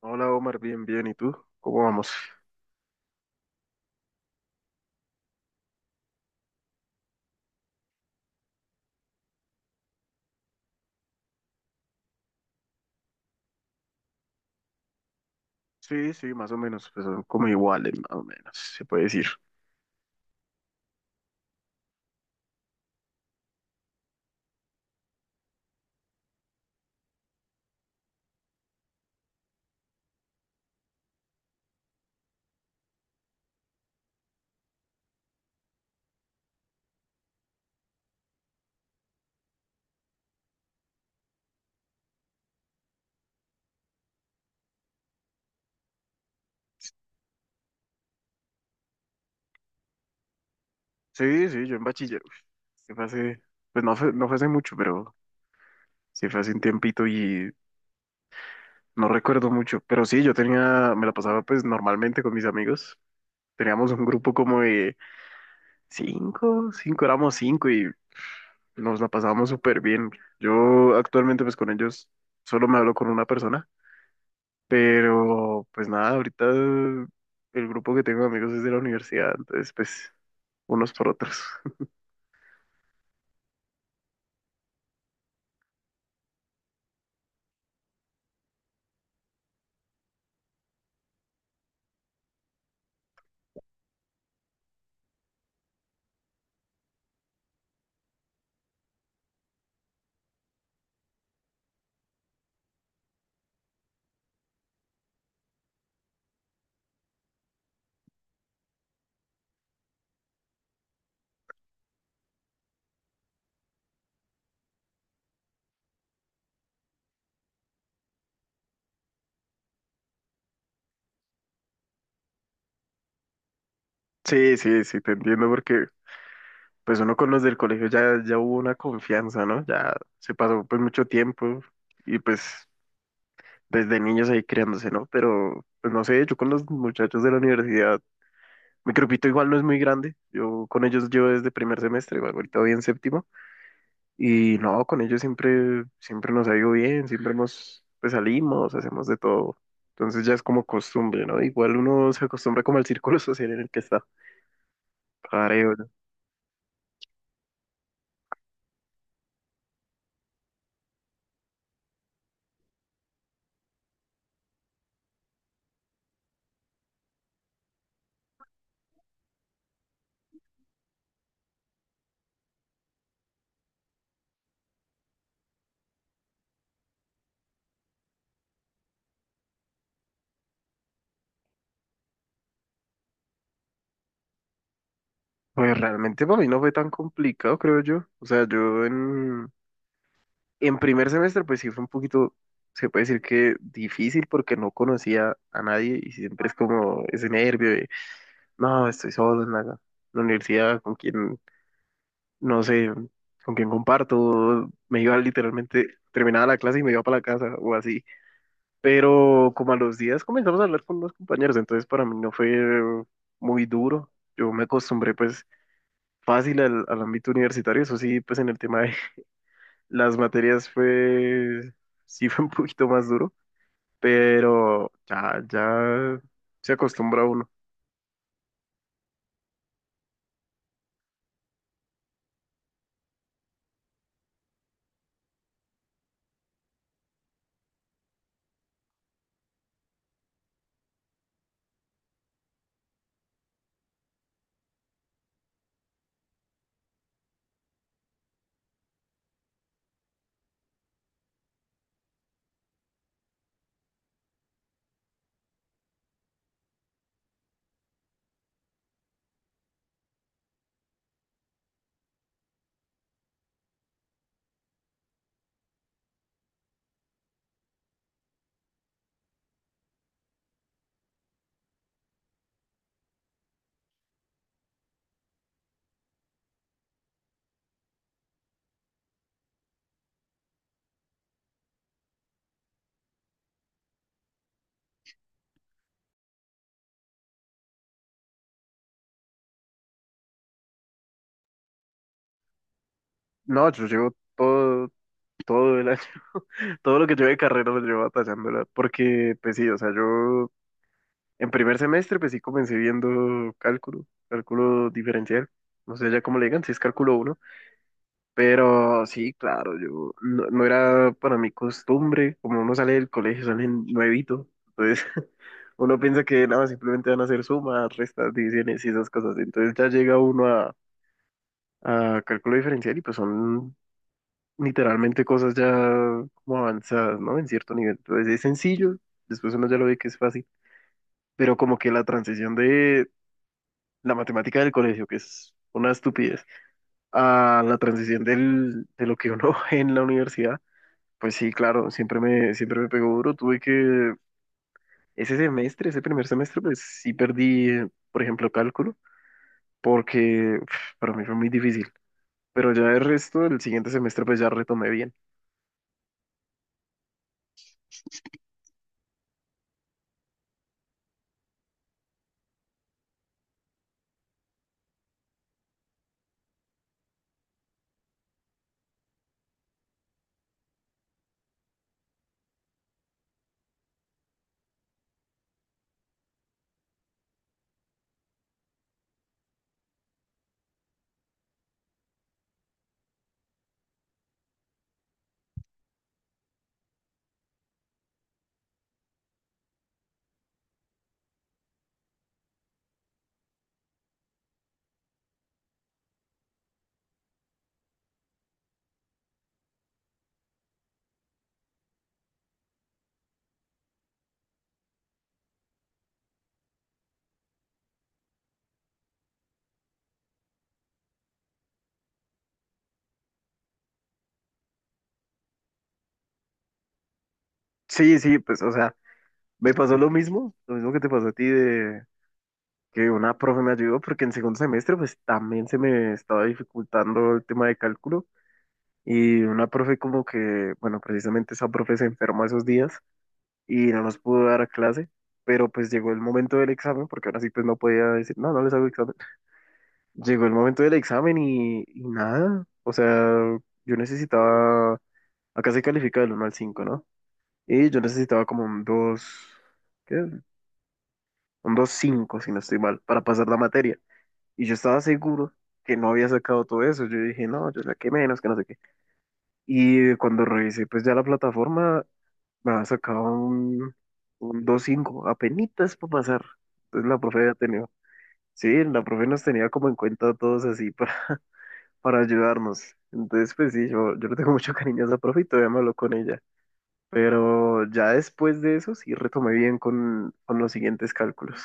Hola Omar, bien, bien. ¿Y tú? ¿Cómo vamos? Sí, sí, más o menos. Pues son como iguales, más o menos, se puede decir. Sí, sí, yo en bachiller. Sí fue hace, pues no fue hace mucho, pero sí fue hace un tiempito y no recuerdo mucho. Pero sí, yo tenía, me la pasaba pues normalmente con mis amigos. Teníamos un grupo como de cinco, cinco, éramos cinco y nos la pasábamos súper bien. Yo actualmente pues con ellos solo me hablo con una persona. Pero pues nada, ahorita el grupo que tengo de amigos es de la universidad, entonces pues unos por otros. Sí, sí, sí, te entiendo porque pues uno con los del colegio ya hubo una confianza, ¿no? Ya se pasó pues mucho tiempo y pues desde niños ahí criándose, ¿no? Pero pues no sé, yo con los muchachos de la universidad, mi grupito igual no es muy grande, yo con ellos yo desde primer semestre, bueno, ahorita voy en séptimo. Y no, con ellos siempre, siempre nos ha ido bien, siempre hemos, pues salimos, hacemos de todo. Entonces ya es como costumbre, ¿no? Igual uno se acostumbra como al círculo social en el que está. Creo yo. Pues realmente para mí no fue tan complicado, creo yo. O sea, yo en primer semestre pues sí fue un poquito, se puede decir que difícil porque no conocía a nadie y siempre es como ese nervio de, no, estoy solo en la universidad, ¿con quién? No sé con quién comparto, me iba literalmente, terminaba la clase y me iba para la casa o así. Pero como a los días comenzamos a hablar con unos compañeros, entonces para mí no fue muy duro. Yo me acostumbré pues fácil al ámbito universitario, eso sí, pues en el tema de las materias fue, sí fue un poquito más duro, pero ya, se acostumbra uno. No, yo llevo todo todo el año, todo lo que yo de carrera lo llevo batallándola, porque pues sí, o sea, yo en primer semestre pues sí comencé viendo cálculo, cálculo diferencial, no sé ya cómo le digan, si es cálculo uno, pero sí, claro, yo no, no era para mi costumbre, como uno sale del colegio, sale nuevito, entonces uno piensa que nada, simplemente van a hacer sumas, restas, divisiones y esas cosas, entonces ya llega uno a cálculo diferencial y pues son literalmente cosas ya como avanzadas, ¿no? En cierto nivel. Entonces es sencillo, después uno ya lo ve que es fácil, pero como que la transición de la matemática del colegio, que es una estupidez, a la transición del, de lo que uno ve en la universidad, pues sí, claro, siempre me pegó duro. Tuve que, ese semestre, ese primer semestre, pues sí perdí, por ejemplo, cálculo, porque para mí fue muy difícil. Pero ya el resto, el siguiente semestre, pues ya retomé bien. Sí, sí, pues, o sea. Me pasó lo mismo que te pasó a ti de que una profe me ayudó porque en segundo semestre pues también se me estaba dificultando el tema de cálculo y una profe como que, bueno, precisamente esa profe se enfermó esos días y no nos pudo dar a clase, pero pues llegó el momento del examen porque ahora sí pues no podía decir, no, no les hago examen. Llegó el momento del examen y nada, o sea, yo necesitaba, acá se califica del 1 al 5, ¿no? Y yo necesitaba como un dos, qué un 2,5 si no estoy mal, para pasar la materia. Y yo estaba seguro que no había sacado todo eso. Yo dije, no, yo saqué menos, que no sé qué. Y cuando revisé, pues ya la plataforma me había sacado un, 2,5 apenitas para pasar. Entonces la profe había tenido, sí, la profe nos tenía como en cuenta a todos así para ayudarnos. Entonces, pues sí, yo le tengo mucho cariño a esa profe y todavía me hablo con ella. Pero ya después de eso sí retomé bien con, los siguientes cálculos.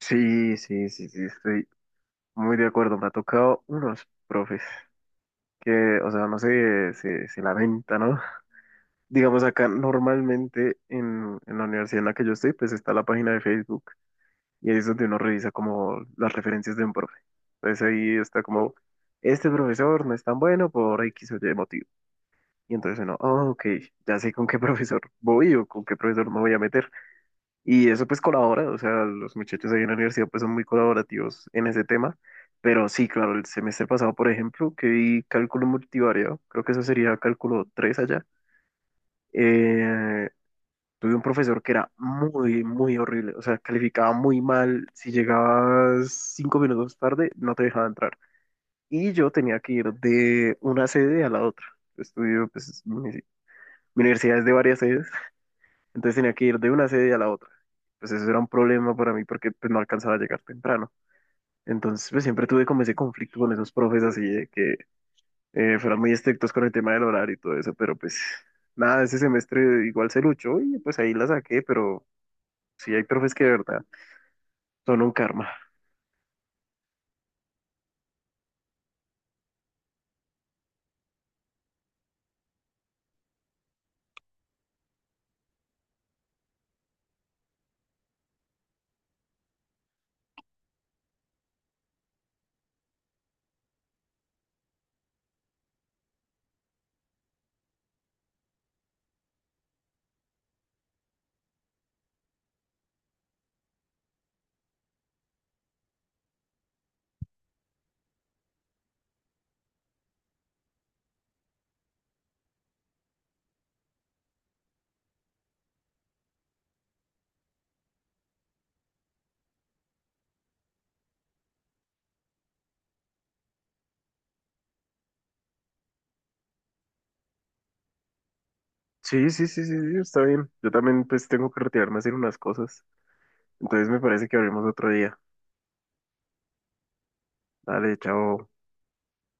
Sí, sí, sí, sí, estoy muy de acuerdo, me ha tocado unos profes que, o sea, no sé, se, lamentan, ¿no? Digamos acá normalmente en la universidad en la que yo estoy, pues está la página de Facebook y ahí es donde uno revisa como las referencias de un profe. Entonces ahí está como, este profesor no es tan bueno por X o Y motivo. Y entonces uno, "Ah, ok, ya sé con qué profesor voy o con qué profesor me voy a meter". Y eso pues colabora, o sea, los muchachos ahí en la universidad pues son muy colaborativos en ese tema, pero sí, claro, el semestre pasado, por ejemplo, que vi cálculo multivariado, creo que eso sería cálculo 3 allá, eh, tuve un profesor que era muy, muy horrible, o sea, calificaba muy mal, si llegabas 5 minutos tarde, no te dejaba entrar. Y yo tenía que ir de una sede a la otra. Estudio, pues, mi, universidad es de varias sedes, entonces tenía que ir de una sede a la otra. Pues eso era un problema para mí porque pues, no alcanzaba a llegar temprano. Entonces pues siempre tuve como ese conflicto con esos profes así de que fueran muy estrictos con el tema del horario y todo eso, pero pues nada, ese semestre igual se luchó y pues ahí la saqué, pero sí hay profes que de verdad son un karma. Sí, sí, sí, sí, sí, está bien. Yo también pues tengo que retirarme a hacer unas cosas. Entonces me parece que hablemos otro día. Dale, chao.